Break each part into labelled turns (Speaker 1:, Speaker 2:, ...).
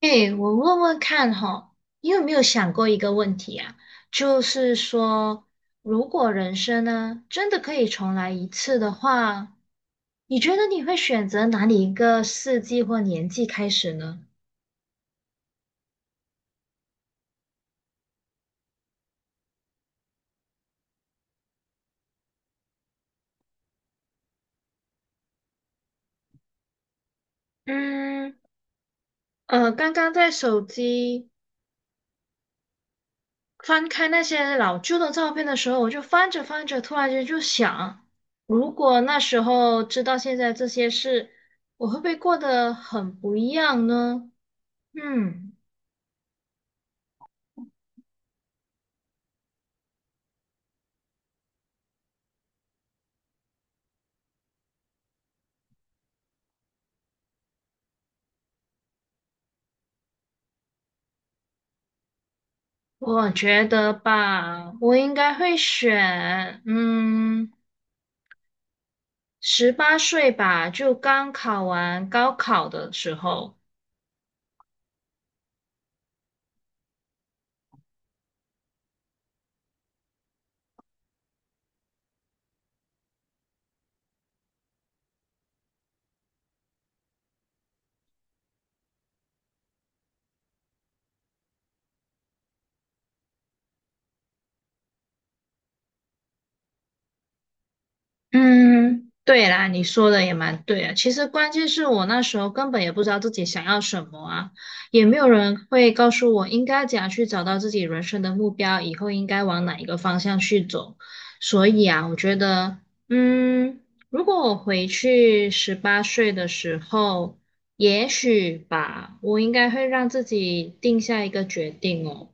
Speaker 1: 哎，我问问看哈，你有没有想过一个问题啊？就是说，如果人生呢，真的可以重来一次的话，你觉得你会选择哪里一个世纪或年纪开始呢？嗯，刚刚在手机翻开那些老旧的照片的时候，我就翻着翻着，突然间就想，如果那时候知道现在这些事，我会不会过得很不一样呢？嗯。我觉得吧，我应该会选，嗯，十八岁吧，就刚考完高考的时候。嗯，对啦，你说的也蛮对啊。其实关键是我那时候根本也不知道自己想要什么啊，也没有人会告诉我应该怎样去找到自己人生的目标，以后应该往哪一个方向去走。所以啊，我觉得，嗯，如果我回去十八岁的时候，也许吧，我应该会让自己定下一个决定哦。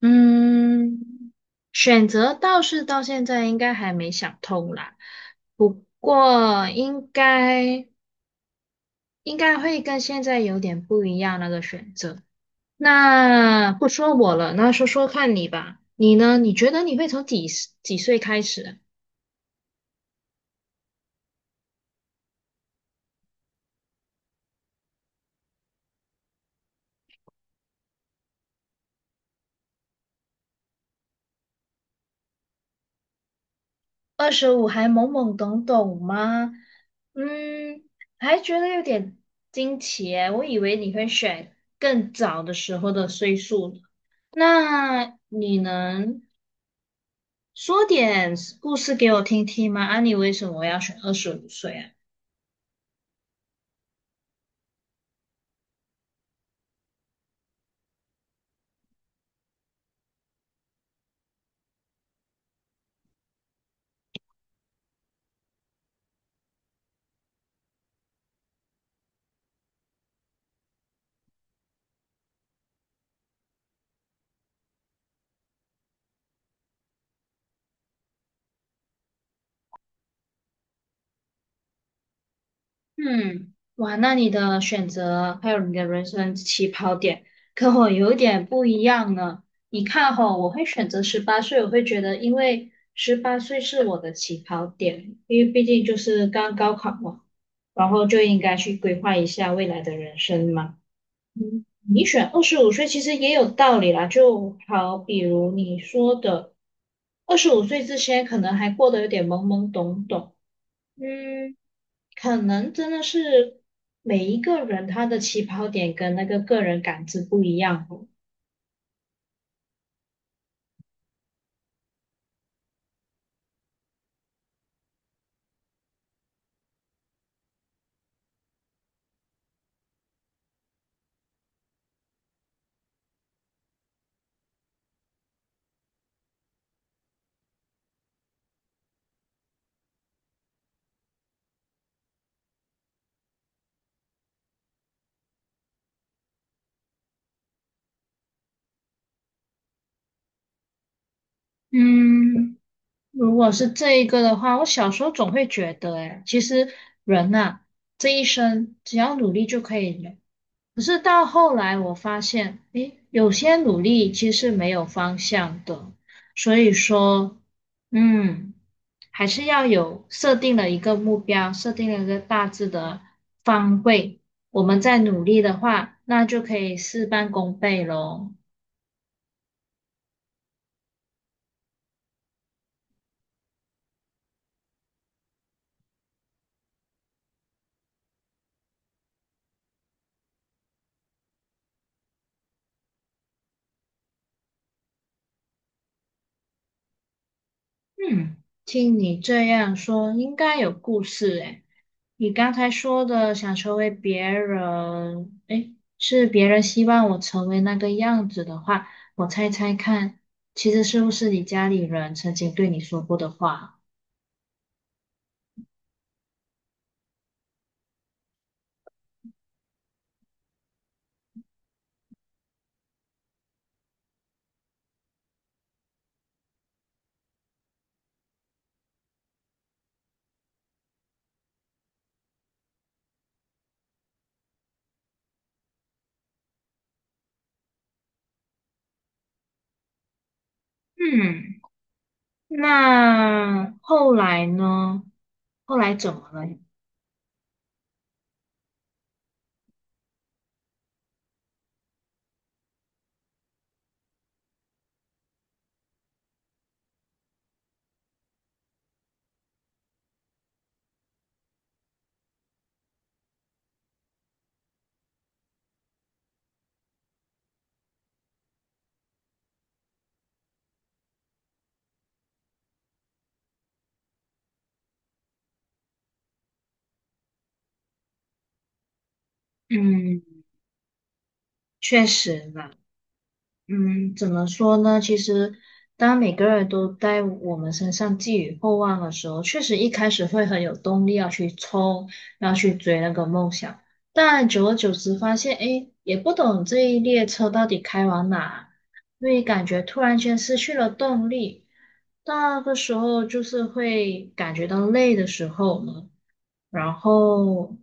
Speaker 1: 嗯。选择倒是到现在应该还没想通啦，不过应该会跟现在有点不一样那个选择。那不说我了，那说说看你吧，你呢？你觉得你会从几岁开始啊。二十五还懵懵懂懂吗？嗯，还觉得有点惊奇耶，我以为你会选更早的时候的岁数呢。那你能？说点故事给我听听嘛？啊，你为什么要选二十五岁啊？嗯，哇，那你的选择还有你的人生起跑点跟我有点不一样呢。你看吼，我会选择十八岁，我会觉得因为十八岁是我的起跑点，因为毕竟就是刚高考嘛，然后就应该去规划一下未来的人生嘛。嗯，你选二十五岁其实也有道理啦，就好比如你说的，二十五岁之前可能还过得有点懵懵懂懂，嗯，可能真的是每一个人他的起跑点跟那个个人感知不一样哦。嗯，如果是这一个的话，我小时候总会觉得，哎，其实人呐、这一生只要努力就可以了。可是到后来，我发现，诶，有些努力其实没有方向的，所以说，嗯，还是要有设定了一个目标，设定了一个大致的方位，我们再努力的话，那就可以事半功倍喽。嗯，听你这样说，应该有故事诶。你刚才说的想成为别人，诶，是别人希望我成为那个样子的话，我猜猜看，其实是不是你家里人曾经对你说过的话？嗯，那后来呢？后来怎么了？嗯，确实啦。嗯，怎么说呢？其实，当每个人都在我们身上寄予厚望的时候，确实一开始会很有动力要去冲，要去追那个梦想。但久而久之，发现，哎，也不懂这一列车到底开往哪，所以感觉突然间失去了动力。那个时候就是会感觉到累的时候呢，然后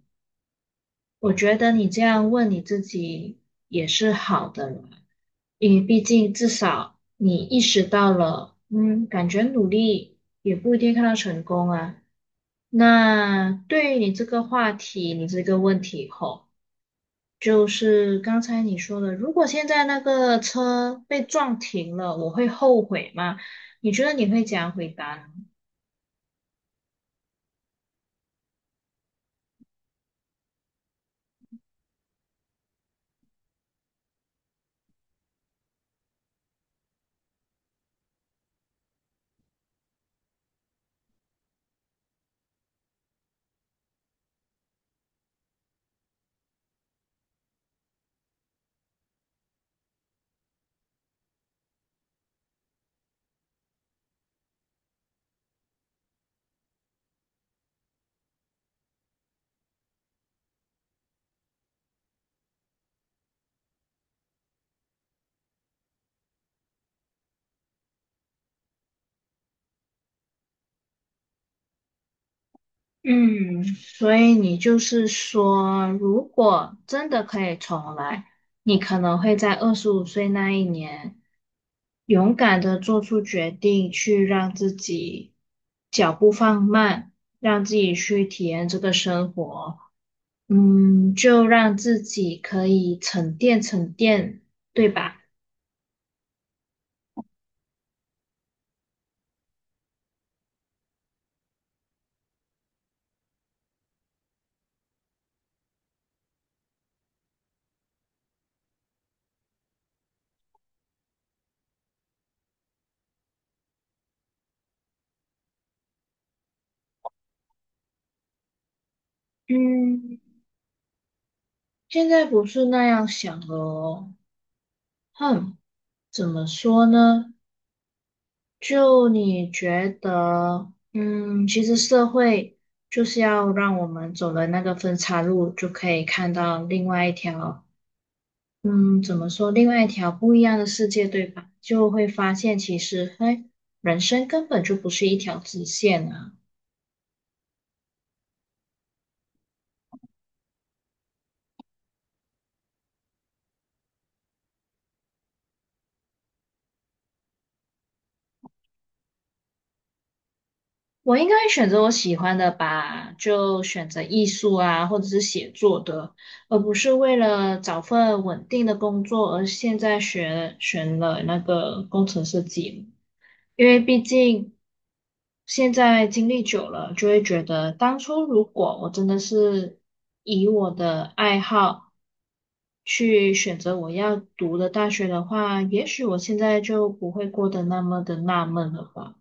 Speaker 1: 我觉得你这样问你自己也是好的啦，因为毕竟至少你意识到了，嗯，感觉努力也不一定看到成功啊。那对于你这个话题，你这个问题吼，就是刚才你说的，如果现在那个车被撞停了，我会后悔吗？你觉得你会怎样回答呢。嗯，所以你就是说，如果真的可以重来，你可能会在二十五岁那一年，勇敢的做出决定，去让自己脚步放慢，让自己去体验这个生活。嗯，就让自己可以沉淀沉淀，对吧？嗯，现在不是那样想了哦。哼，怎么说呢？就你觉得，嗯，其实社会就是要让我们走了那个分岔路，就可以看到另外一条，嗯，怎么说，另外一条不一样的世界，对吧？就会发现其实，嘿，人生根本就不是一条直线啊。我应该选择我喜欢的吧，就选择艺术啊，或者是写作的，而不是为了找份稳定的工作而现在学选了那个工程设计。因为毕竟现在经历久了，就会觉得当初如果我真的是以我的爱好去选择我要读的大学的话，也许我现在就不会过得那么的纳闷了吧。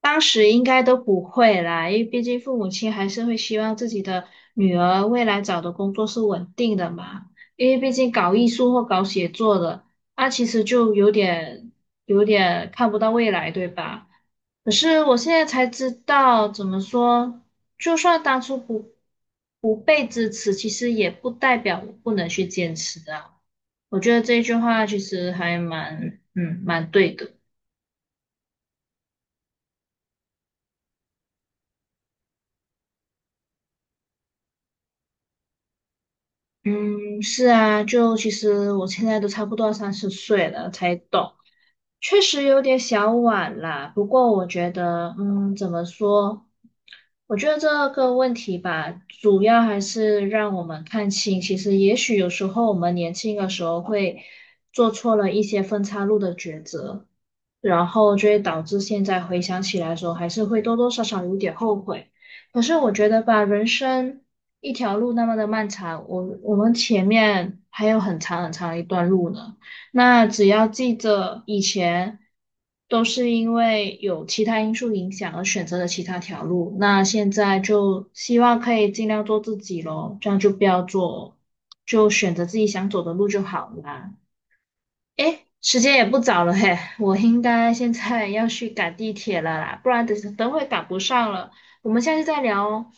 Speaker 1: 当时应该都不会啦，因为毕竟父母亲还是会希望自己的女儿未来找的工作是稳定的嘛。因为毕竟搞艺术或搞写作的，那、其实就有点看不到未来，对吧？可是我现在才知道，怎么说，就算当初不被支持，其实也不代表我不能去坚持啊。我觉得这句话其实还蛮嗯蛮对的。嗯，是啊，就其实我现在都差不多30岁了才懂，确实有点小晚啦，不过我觉得，嗯，怎么说？我觉得这个问题吧，主要还是让我们看清，其实也许有时候我们年轻的时候会做错了一些分岔路的抉择，然后就会导致现在回想起来的时候，还是会多多少少有点后悔。可是我觉得吧，人生一条路那么的漫长，我们前面还有很长很长一段路呢。那只要记着以前都是因为有其他因素影响而选择了其他条路，那现在就希望可以尽量做自己咯，这样就不要做，就选择自己想走的路就好啦。诶，时间也不早了嘿，我应该现在要去赶地铁了啦，不然等等会赶不上了。我们下次再聊哦。